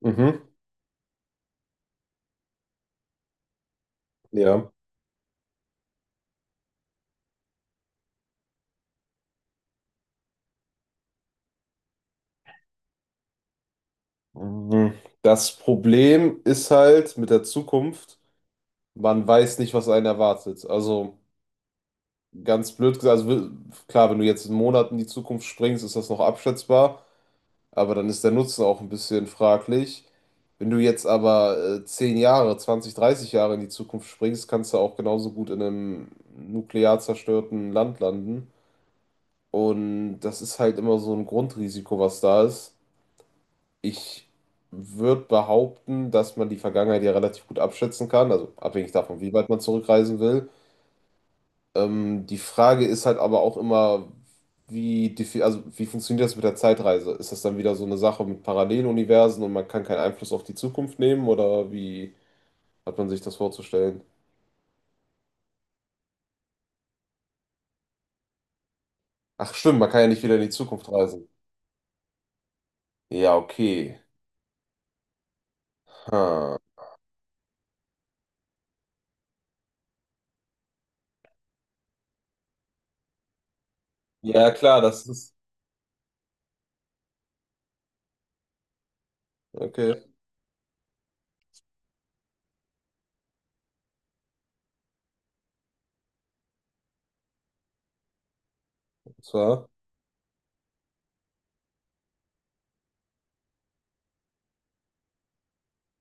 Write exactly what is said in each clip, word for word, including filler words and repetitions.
Mhm, ja. Mhm. Das Problem ist halt mit der Zukunft, man weiß nicht, was einen erwartet. Also ganz blöd gesagt, also wi- klar, wenn du jetzt einen Monat in die Zukunft springst, ist das noch abschätzbar, aber dann ist der Nutzen auch ein bisschen fraglich. Wenn du jetzt aber äh, zehn Jahre, zwanzig, dreißig Jahre in die Zukunft springst, kannst du auch genauso gut in einem nuklear zerstörten Land landen. Und das ist halt immer so ein Grundrisiko, was da ist. Ich würde behaupten, dass man die Vergangenheit ja relativ gut abschätzen kann, also abhängig davon, wie weit man zurückreisen will. Ähm, die Frage ist halt aber auch immer, wie, defi- also wie funktioniert das mit der Zeitreise? Ist das dann wieder so eine Sache mit Paralleluniversen und man kann keinen Einfluss auf die Zukunft nehmen oder wie hat man sich das vorzustellen? Ach stimmt, man kann ja nicht wieder in die Zukunft reisen. Ja, okay. Ha. Ja, klar, das ist. Okay, das.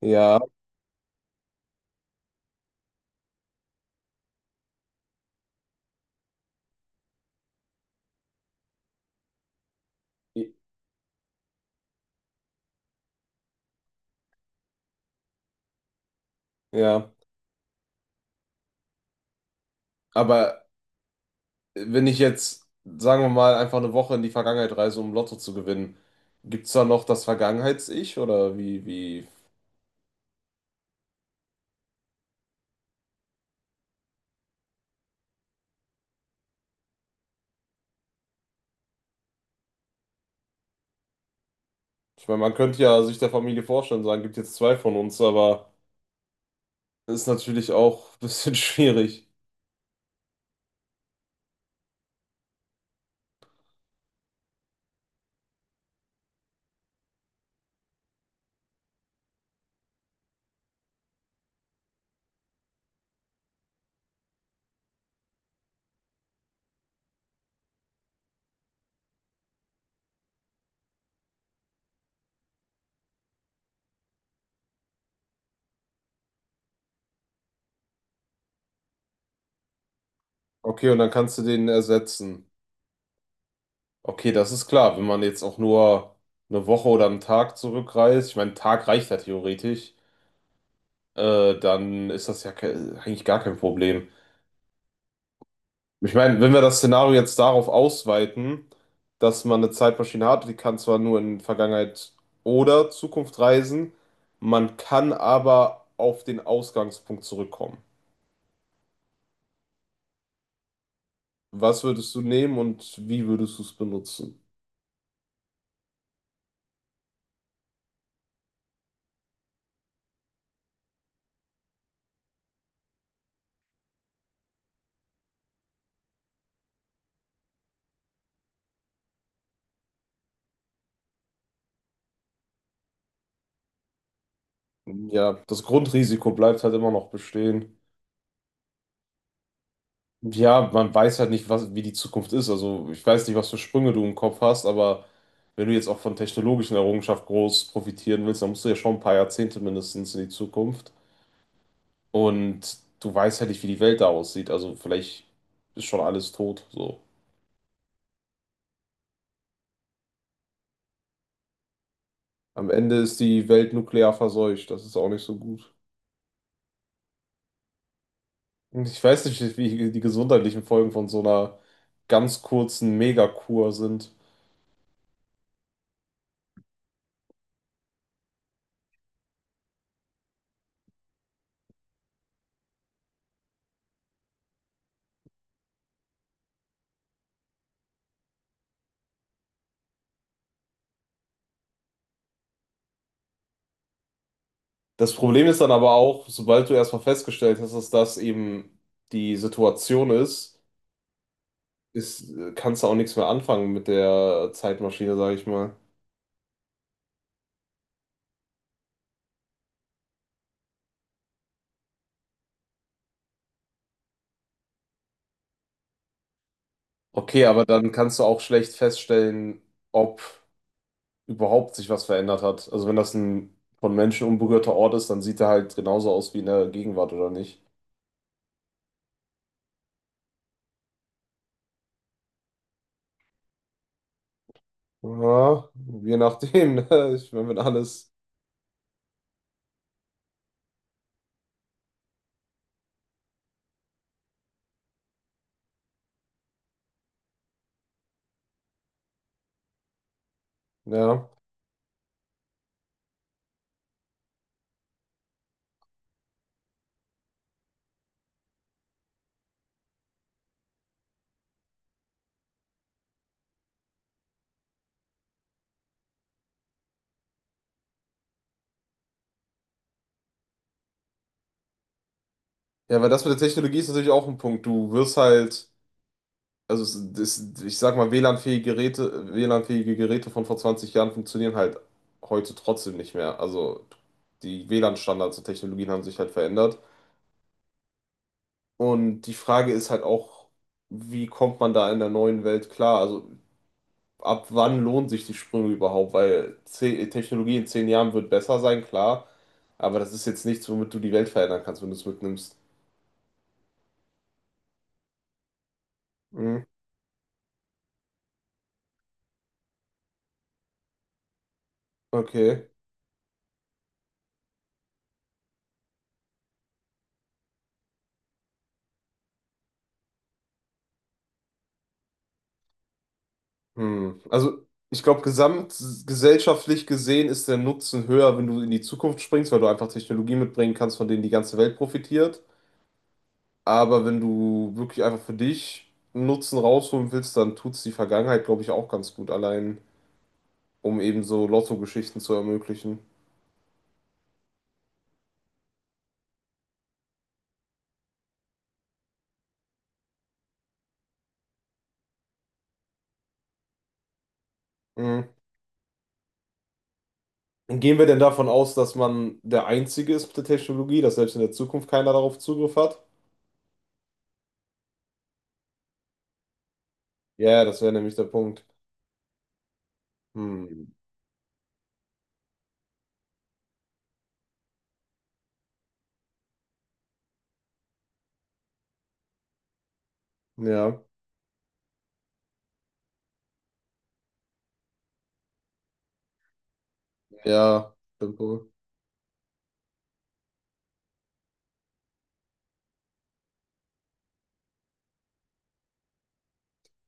Ja, ja. Aber wenn ich jetzt, sagen wir mal, einfach eine Woche in die Vergangenheit reise, um Lotto zu gewinnen, gibt es da noch das Vergangenheits-Ich oder wie, wie? Ich meine, man könnte ja sich der Familie vorstellen, sagen, gibt jetzt zwei von uns, aber ist natürlich auch ein bisschen schwierig. Okay, und dann kannst du den ersetzen. Okay, das ist klar, wenn man jetzt auch nur eine Woche oder einen Tag zurückreist, ich meine, ein Tag reicht ja theoretisch, äh, dann ist das ja ke- eigentlich gar kein Problem. Ich meine, wenn wir das Szenario jetzt darauf ausweiten, dass man eine Zeitmaschine hat, die kann zwar nur in Vergangenheit oder Zukunft reisen, man kann aber auf den Ausgangspunkt zurückkommen. Was würdest du nehmen und wie würdest du es benutzen? Ja, das Grundrisiko bleibt halt immer noch bestehen. Ja, man weiß halt nicht, was, wie die Zukunft ist. Also ich weiß nicht, was für Sprünge du im Kopf hast, aber wenn du jetzt auch von technologischen Errungenschaften groß profitieren willst, dann musst du ja schon ein paar Jahrzehnte mindestens in die Zukunft. Und du weißt halt nicht, wie die Welt da aussieht. Also vielleicht ist schon alles tot. So. Am Ende ist die Welt nuklear verseucht. Das ist auch nicht so gut. Und ich weiß nicht, wie die gesundheitlichen Folgen von so einer ganz kurzen Megakur sind. Das Problem ist dann aber auch, sobald du erstmal festgestellt hast, dass das eben die Situation ist, ist, kannst du auch nichts mehr anfangen mit der Zeitmaschine, sage ich mal. Okay, aber dann kannst du auch schlecht feststellen, ob überhaupt sich was verändert hat. Also wenn das ein von Menschen unberührter Ort ist, dann sieht er halt genauso aus wie in der Gegenwart, oder nicht? Ja, je nachdem, ne? Ich meine, wenn alles, ja. Ja, weil das mit der Technologie ist natürlich auch ein Punkt. Du wirst halt, also es- das, ich sag mal, W L A N-fähige Geräte, W L A N-fähige Geräte von vor zwanzig Jahren funktionieren halt heute trotzdem nicht mehr. Also die W L A N-Standards und Technologien haben sich halt verändert. Und die Frage ist halt auch, wie kommt man da in der neuen Welt klar? Also ab wann lohnen sich die Sprünge überhaupt? Weil ze- Technologie in zehn Jahren wird besser sein, klar. Aber das ist jetzt nichts, womit du die Welt verändern kannst, wenn du es mitnimmst. Hm, okay. Hm. Also, ich glaube, gesamtgesellschaftlich gesehen ist der Nutzen höher, wenn du in die Zukunft springst, weil du einfach Technologie mitbringen kannst, von denen die ganze Welt profitiert. Aber wenn du wirklich einfach für dich einen Nutzen rausholen willst, dann tut es die Vergangenheit, glaube ich, auch ganz gut allein, um eben so Lotto-Geschichten zu ermöglichen. Hm. Gehen wir denn davon aus, dass man der Einzige ist mit der Technologie, dass selbst in der Zukunft keiner darauf Zugriff hat? Ja, das wäre nämlich der Punkt. Hm. Ja, ja, stimmt wohl.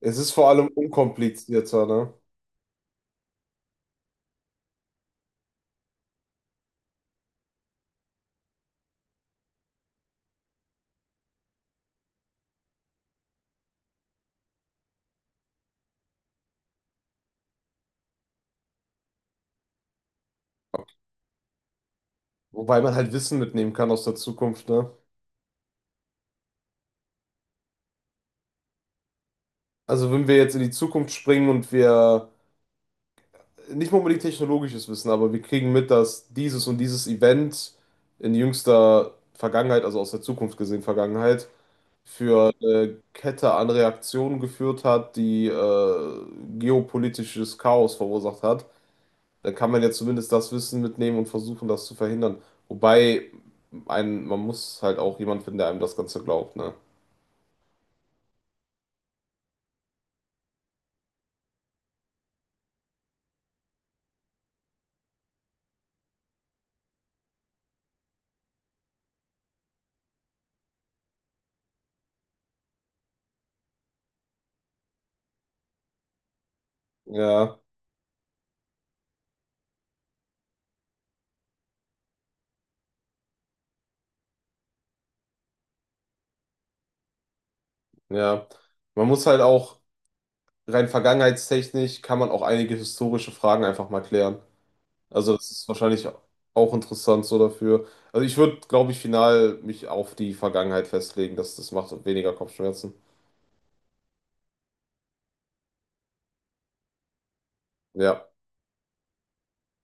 Es ist vor allem unkomplizierter, ne? Wobei man halt Wissen mitnehmen kann aus der Zukunft, ne? Also wenn wir jetzt in die Zukunft springen und wir nicht mal unbedingt technologisches Wissen, aber wir kriegen mit, dass dieses und dieses Event in jüngster Vergangenheit, also aus der Zukunft gesehen Vergangenheit, für eine Kette an Reaktionen geführt hat, die äh, geopolitisches Chaos verursacht hat, dann kann man ja zumindest das Wissen mitnehmen und versuchen, das zu verhindern. Wobei ein, man muss halt auch jemand finden, der einem das Ganze glaubt, ne? Ja, ja. Man muss halt auch rein vergangenheitstechnisch kann man auch einige historische Fragen einfach mal klären. Also das ist wahrscheinlich auch interessant so dafür. Also ich würde, glaube ich, final mich auf die Vergangenheit festlegen, dass das macht und weniger Kopfschmerzen. Ja.